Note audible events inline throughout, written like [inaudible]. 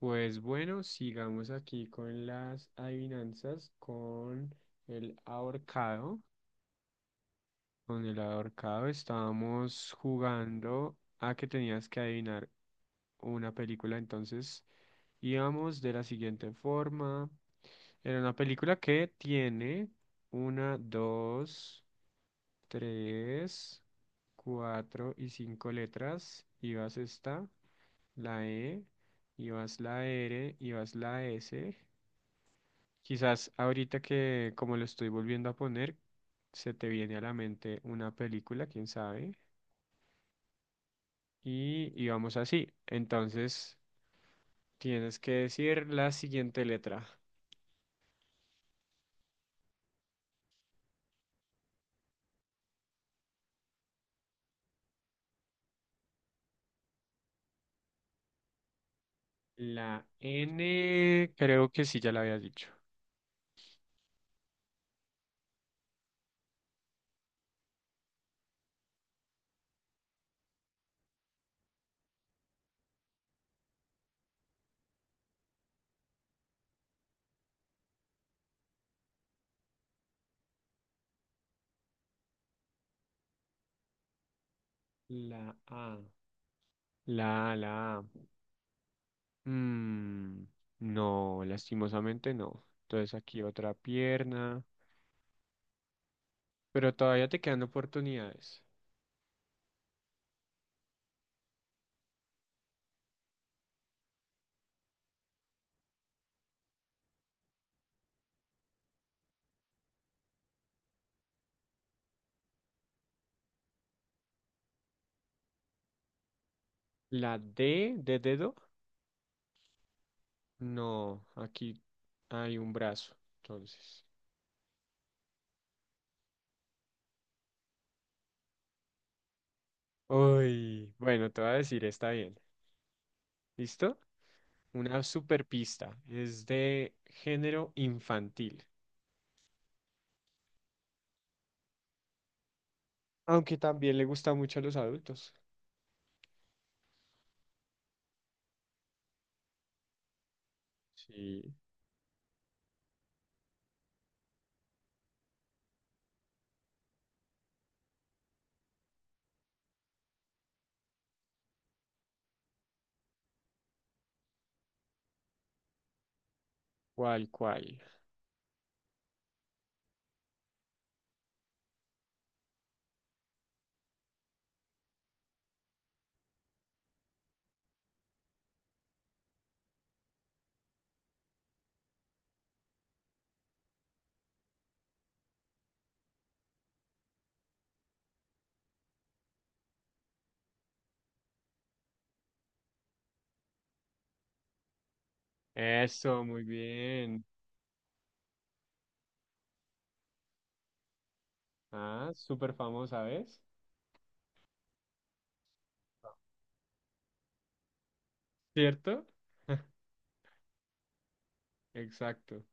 Pues bueno, sigamos aquí con las adivinanzas, con el ahorcado. Con el ahorcado estábamos jugando a que tenías que adivinar una película, entonces íbamos de la siguiente forma. Era una película que tiene una, dos, tres, cuatro y cinco letras. Ibas esta, la E, ibas la R, ibas la S. Quizás ahorita que como lo estoy volviendo a poner, se te viene a la mente una película, quién sabe, y vamos así. Entonces, tienes que decir la siguiente letra. La N, creo que sí ya la había dicho. La A, la A, la A. Mm, no, lastimosamente no. Entonces aquí otra pierna, pero todavía te quedan oportunidades. La D de dedo. No, aquí hay un brazo, entonces. Uy, bueno, te voy a decir, está bien. ¿Listo? Una super pista. Es de género infantil. Aunque también le gusta mucho a los adultos. Sí, cual, cual. Eso, muy bien. Ah, súper famosa, ¿ves? ¿Cierto? [laughs] Exacto.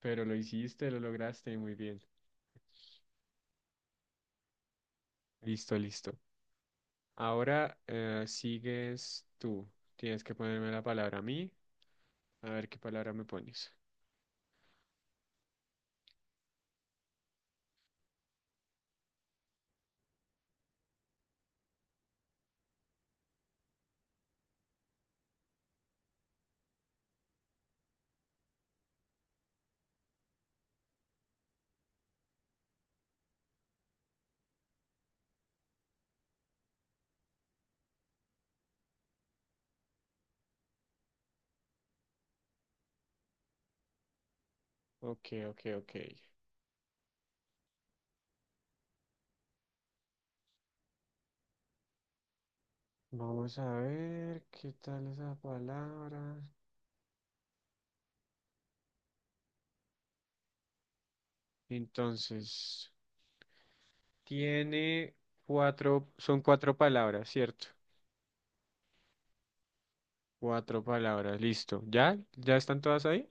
Pero lo hiciste, lo lograste, muy bien. Listo, listo. Ahora sigues tú. Tienes que ponerme la palabra a mí. A ver qué palabra me pones. Ok, ok, ok. Vamos a ver qué tal esa palabra. Entonces, tiene cuatro, son cuatro palabras, ¿cierto? Cuatro palabras, listo. ¿Ya? ¿Ya están todas ahí?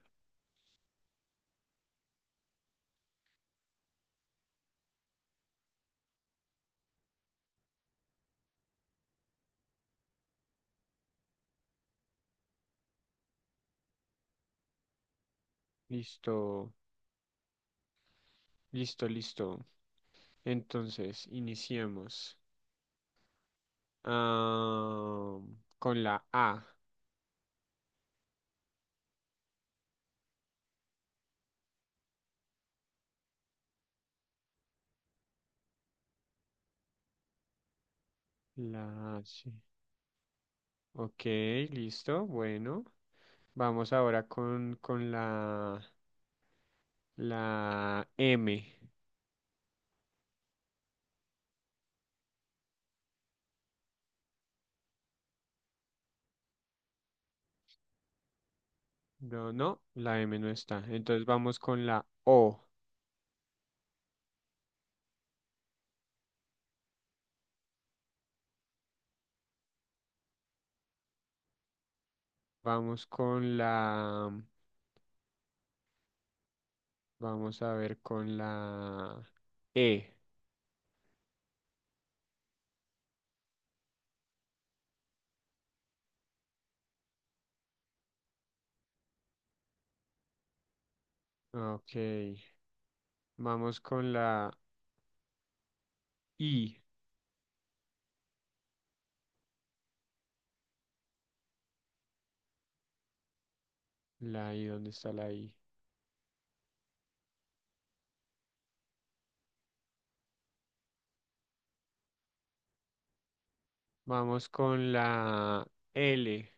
Listo, listo, listo. Entonces, iniciemos. Ah, con la A. La A, sí. Ok, listo. Bueno, vamos ahora con la M. No, no, la M no está. Entonces vamos con la O. Vamos con vamos a ver con la E. Ok, vamos con la I. La I, ¿dónde está la I? Vamos con la L,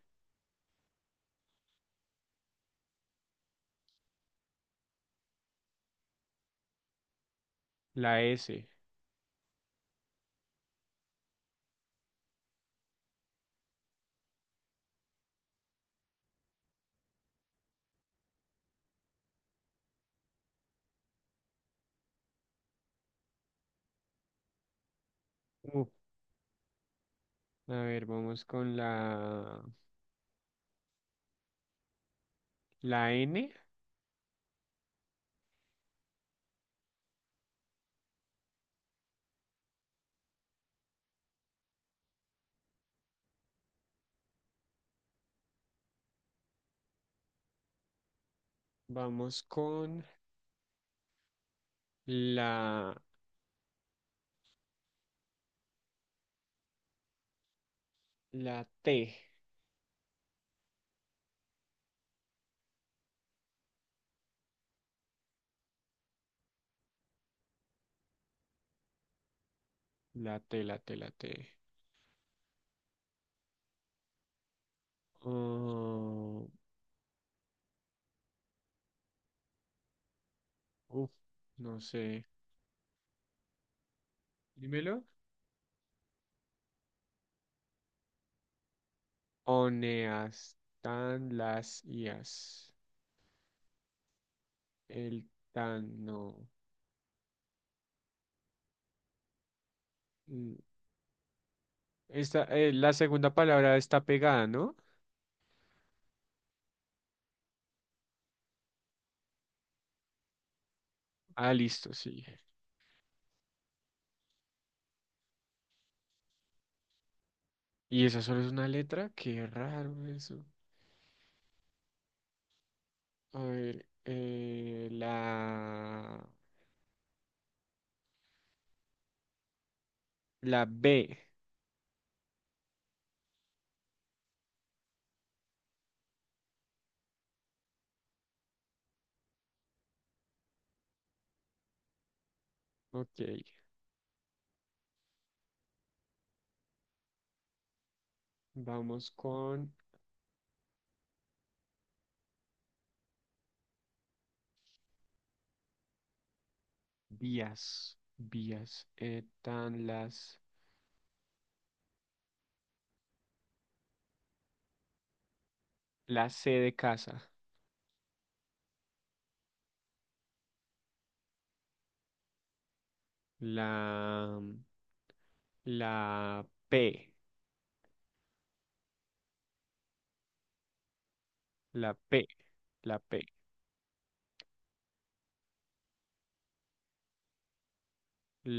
la S. Uh, a ver, vamos con la N. Vamos con La, la T, la T, la T, la T. Oh, uf, no sé. Dímelo. Oneastan las ias. El tan, no. Mm, esta, la segunda palabra está pegada, ¿no? Ah, listo, sí. ¿Y esa solo es una letra? Qué raro eso. A ver, la B. Ok, vamos con vías, vías, están las, la C de casa, la, la P, la P, la P,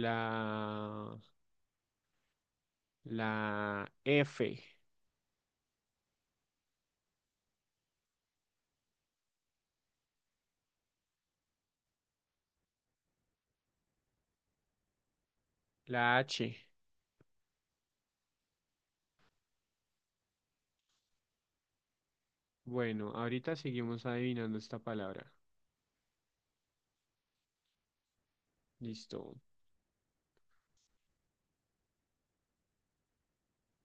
la, la F, la H. Bueno, ahorita seguimos adivinando esta palabra. Listo.